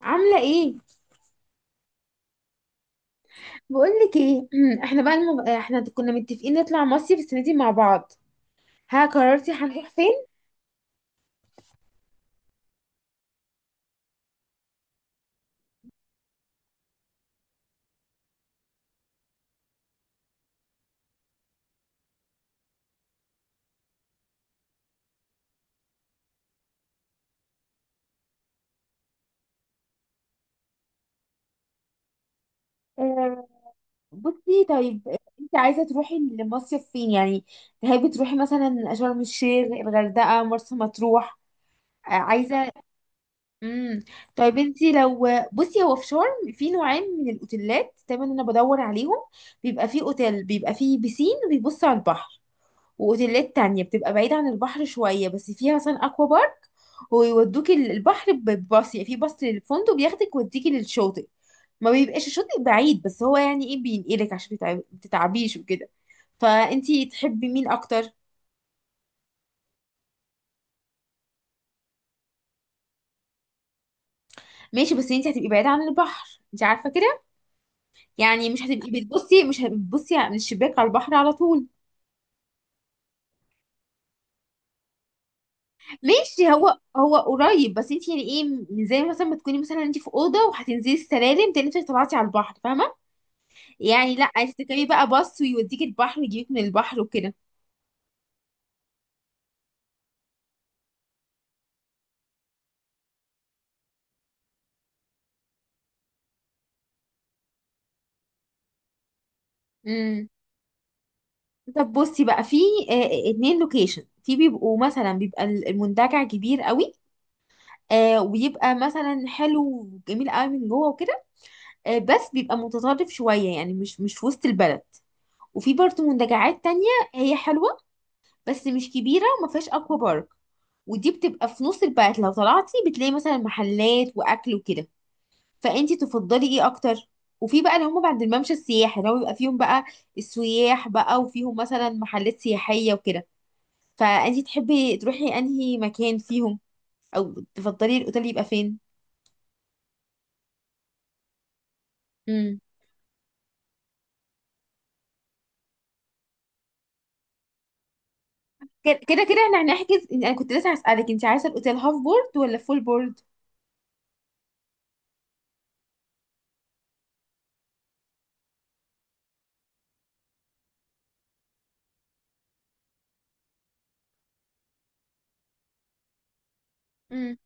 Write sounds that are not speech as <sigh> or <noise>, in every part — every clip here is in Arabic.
عاملة ايه؟ بقولك ايه. <clears throat> احنا كنا متفقين نطلع مصيف السنة دي مع بعض. ها قررتي هنروح فين؟ آه، بصي طيب، انت عايزة تروحي المصيف فين يعني؟ تحبي تروحي مثلا شرم الشيخ، الغردقة، مرسى مطروح؟ عايزة. امم طيب انت لو... بصي هو في شرم في نوعين من الاوتيلات دايما انا بدور عليهم. بيبقى فيه اوتيل بيبقى فيه بيسين وبيبص على البحر، واوتيلات تانية بتبقى بعيدة عن البحر شوية بس فيها مثلا اكوا بارك ويودوك البحر بباص، يعني في باص للفندق بياخدك ويوديكي للشاطئ، ما بيبقاش الشاطئ بعيد، بس هو يعني ايه بينقلك عشان تتعبيش وكده. فانتي تحبي مين اكتر؟ ماشي بس انتي هتبقي بعيدة عن البحر، انتي عارفة كده، يعني مش هتبقي بتبصي مش هتبصي من الشباك على البحر على طول. ماشي هو قريب، بس انتي يعني ايه، زي مثلا ما تكوني مثلا انتي في اوضه وهتنزلي السلالم تاني انتي طلعتي على البحر، فاهمه؟ يعني لا، عايزة تركبي بقى باص ويوديك البحر ويجيبك من البحر وكده. امم طب بصي بقى، في اتنين لوكيشن. في بيبقوا مثلا بيبقى المنتجع كبير قوي، وبيبقى مثلا حلو وجميل قوي من جوه وكده، بس بيبقى متطرف شوية يعني مش في وسط البلد. وفي برضه منتجعات تانية هي حلوة بس مش كبيرة وما فيهاش اكوا بارك، ودي بتبقى في نص البلد، لو طلعتي بتلاقي مثلا محلات واكل وكده. فانتي تفضلي ايه اكتر؟ وفي بقى اللي هم بعد الممشى السياحي، اللي هو بيبقى فيهم بقى السياح بقى وفيهم مثلا محلات سياحية وكده. فانتي تحبي تروحي انهي مكان فيهم، او تفضلي الاوتيل يبقى فين؟ امم كده كده كده احنا هنحجز. انا كنت لسه هسألك، انت عايزة الاوتيل هاف بورد ولا فول بورد؟ مم.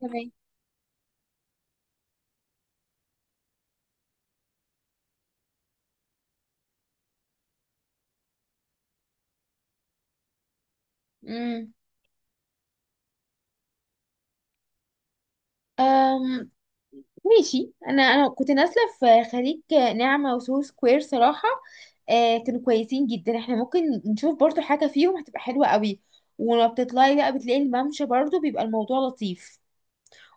تمام. امم ماشي، انا كنت نازله في خليج نعمه وسو سكوير صراحه، كانوا كويسين جدا، احنا ممكن نشوف برضو حاجه فيهم هتبقى حلوه قوي. ولما بتطلعي بقى بتلاقي الممشى برضو بيبقى الموضوع لطيف،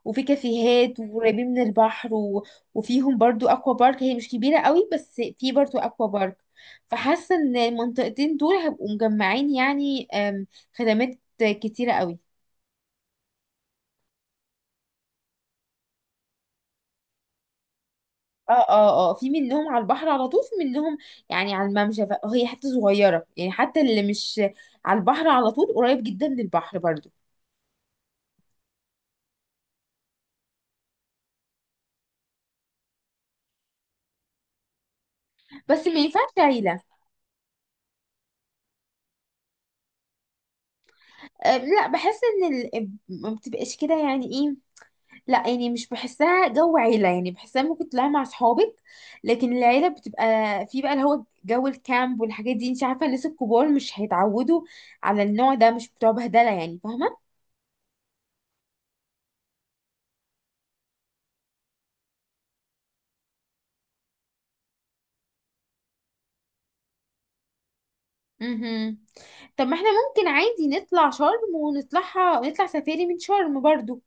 وفي كافيهات وقريبين من البحر وفيهم برضو اكوا بارك، هي مش كبيره قوي بس في برضو اكوا بارك. فحاسه ان المنطقتين دول هيبقوا مجمعين، يعني خدمات كتيره قوي. اه في منهم على البحر على طول، في منهم يعني على الممشى، هي حتة صغيرة يعني، حتى اللي مش على البحر على طول قريب جدا من البحر برضو. بس ما ينفعش عيلة. أه لا، بحس ان ال... آه، ما بتبقاش كده يعني ايه. لا يعني مش بحسها جو عيلة، يعني بحسها ممكن تطلعي مع اصحابك، لكن العيلة بتبقى في بقى اللي هو جو الكامب والحاجات دي، انت عارفة الناس الكبار مش هيتعودوا على النوع ده، مش بتوع بهدلة يعني فاهمة. مهم. طب ما احنا ممكن عادي نطلع شرم، ونطلعها نطلع سفاري من شرم برضو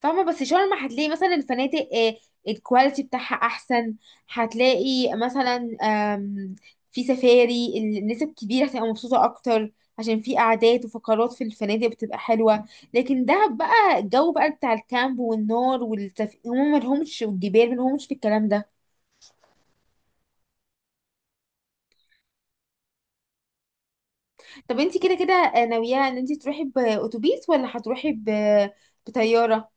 فاهمة. بس شرم هتلاقي مثلا الفنادق الكواليتي بتاعها احسن، هتلاقي مثلا في سفاري الناس الكبيرة هتبقى مبسوطة اكتر، عشان في قعدات وفقرات في الفنادق بتبقى حلوة. لكن دهب بقى الجو بقى بتاع الكامب والنار هم ملهمش، والجبال ملهمش في الكلام ده. طب انت كده كده ناوية ان انت تروحي بأتوبيس ولا هتروحي بطيارة؟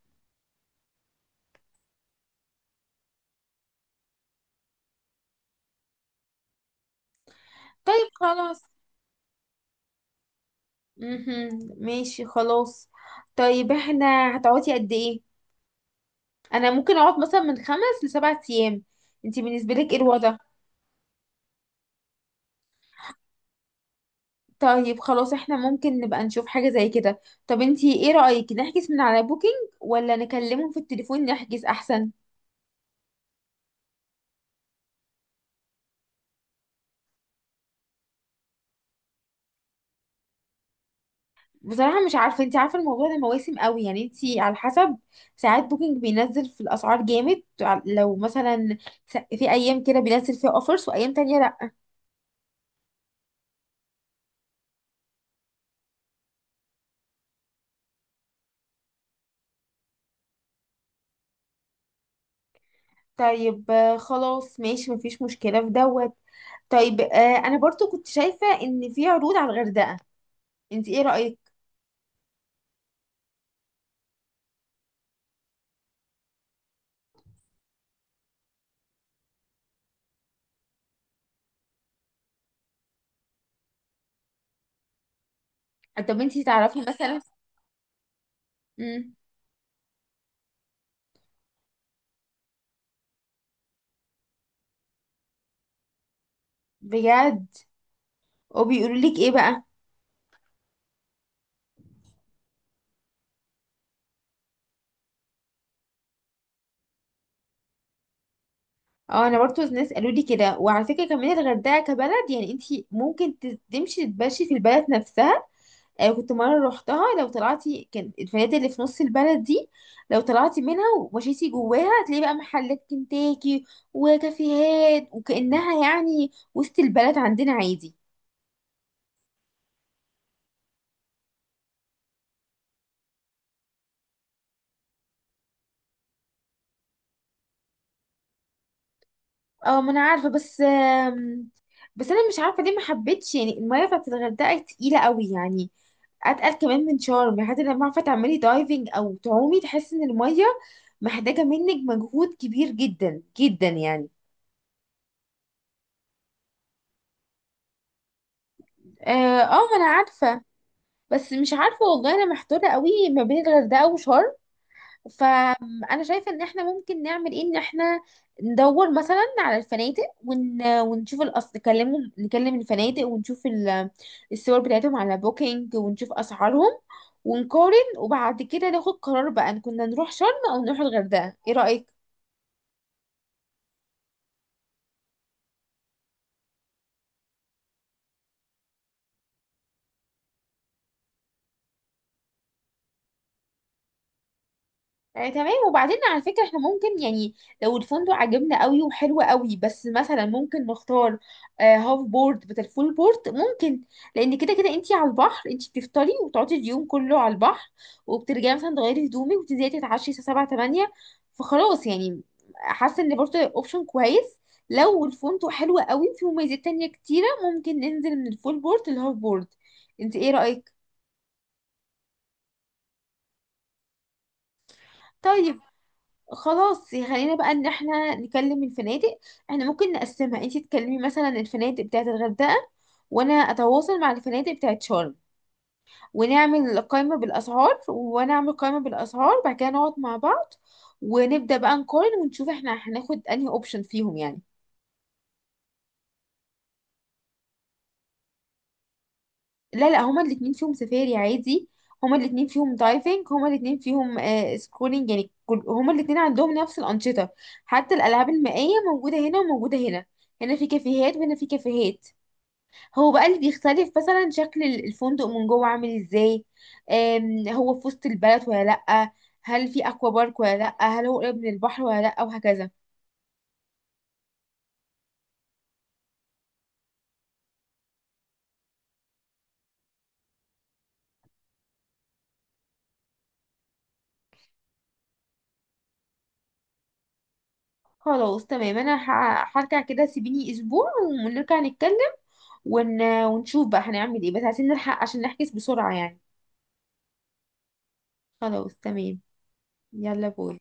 طيب خلاص. مهم. ماشي خلاص. طيب احنا هتقعدي قد ايه؟ انا ممكن اقعد مثلا من خمس لسبع ايام، انتي بالنسبه لك ايه الوضع؟ طيب خلاص احنا ممكن نبقى نشوف حاجه زي كده. طب انتي ايه رايك، نحجز من على بوكينج ولا نكلمهم في التليفون نحجز احسن؟ بصراحه مش عارفه، انتي عارفه الموضوع ده مواسم قوي، يعني انتي على حسب، ساعات بوكينج بينزل في الاسعار جامد لو مثلا في ايام كده بينزل فيها اوفرز وايام تانية. طيب خلاص ماشي مفيش مشكلة في دوت. طيب آه، انا برضو كنت شايفة ان في عروض على الغردقة، انت ايه رأيك؟ طب انت تعرفي مثلا... امم بجد؟ وبيقولوا لك ايه بقى؟ اه انا برضو ناس قالوا لي كده، وعلى فكرة كمان الغردقة كبلد يعني انت ممكن تمشي تتمشي في البلد نفسها. كنت مرة روحتها، لو طلعتي، كان الفنادق اللي في نص البلد دي لو طلعتي منها ومشيتي جواها هتلاقي بقى محلات كنتاكي وكافيهات، وكأنها يعني وسط البلد عندنا عادي. اه ما انا عارفة، بس بس انا مش عارفة ليه ما حبيتش، يعني المية بتاعت الغردقة تقيلة قوي يعني، اتقل كمان من شرم يعني، حتى لما عارفة تعملي دايفنج او تعومي تحسي ان المية محتاجة منك مجهود كبير جدا جدا يعني. اه. ما انا عارفة، بس مش عارفة والله أنا محتارة قوي ما بين الغردقة وشرم. فأنا شايفة إن إحنا ممكن نعمل إيه، إن إحنا ندور مثلا على الفنادق ونشوف الأصل، نكلمهم، نكلم الفنادق ونشوف الصور بتاعتهم على بوكينج ونشوف أسعارهم ونقارن، وبعد كده ناخد قرار بقى إن كنا نروح شرم أو نروح الغردقة. إيه رأيك؟ تمام. وبعدين على فكرة احنا ممكن يعني، لو الفندق عجبنا قوي وحلو قوي، بس مثلا ممكن نختار هاف بورد بدل فول بورد ممكن، لان كده كده انتي على البحر، انتي بتفطري وتقعدي اليوم كله على البحر وبترجعي مثلا تغيري هدومك وتنزلي تتعشي الساعة 7 8، فخلاص يعني، حاسة ان برضه اوبشن كويس، لو الفندق حلو قوي وفيه مميزات تانية كتيرة ممكن ننزل من الفول بورد للهاف بورد. انتي ايه رأيك؟ طيب خلاص، خلينا بقى ان احنا نكلم الفنادق، احنا ممكن نقسمها، انتي تكلمي مثلا الفنادق بتاعه الغردقة، وانا اتواصل مع الفنادق بتاعه شرم، ونعمل قائمة بالاسعار، وانا اعمل قائمة بالاسعار، بعد كده نقعد مع بعض ونبدأ بقى نقارن ونشوف احنا هناخد انهي اوبشن فيهم يعني. لا لا، هما الاتنين فيهم سفاري عادي، هما الاتنين فيهم دايفنج، هما الاتنين فيهم سكولينج، يعني كل هما الاتنين عندهم نفس الأنشطة، حتى الألعاب المائية موجودة هنا وموجودة هنا، هنا في كافيهات وهنا في كافيهات. هو بقى اللي بيختلف مثلا شكل الفندق من جوه عامل ازاي، هو في وسط البلد ولا لأ، هل في أكوا بارك ولا لأ، هل هو قريب من البحر ولا لأ، وهكذا. خلاص تمام، أنا هرجع كده، سيبيني أسبوع ونرجع نتكلم ونشوف بقى هنعمل ايه، بس عايزين نلحق عشان نحجز بسرعة يعني. خلاص تمام. يلا باي.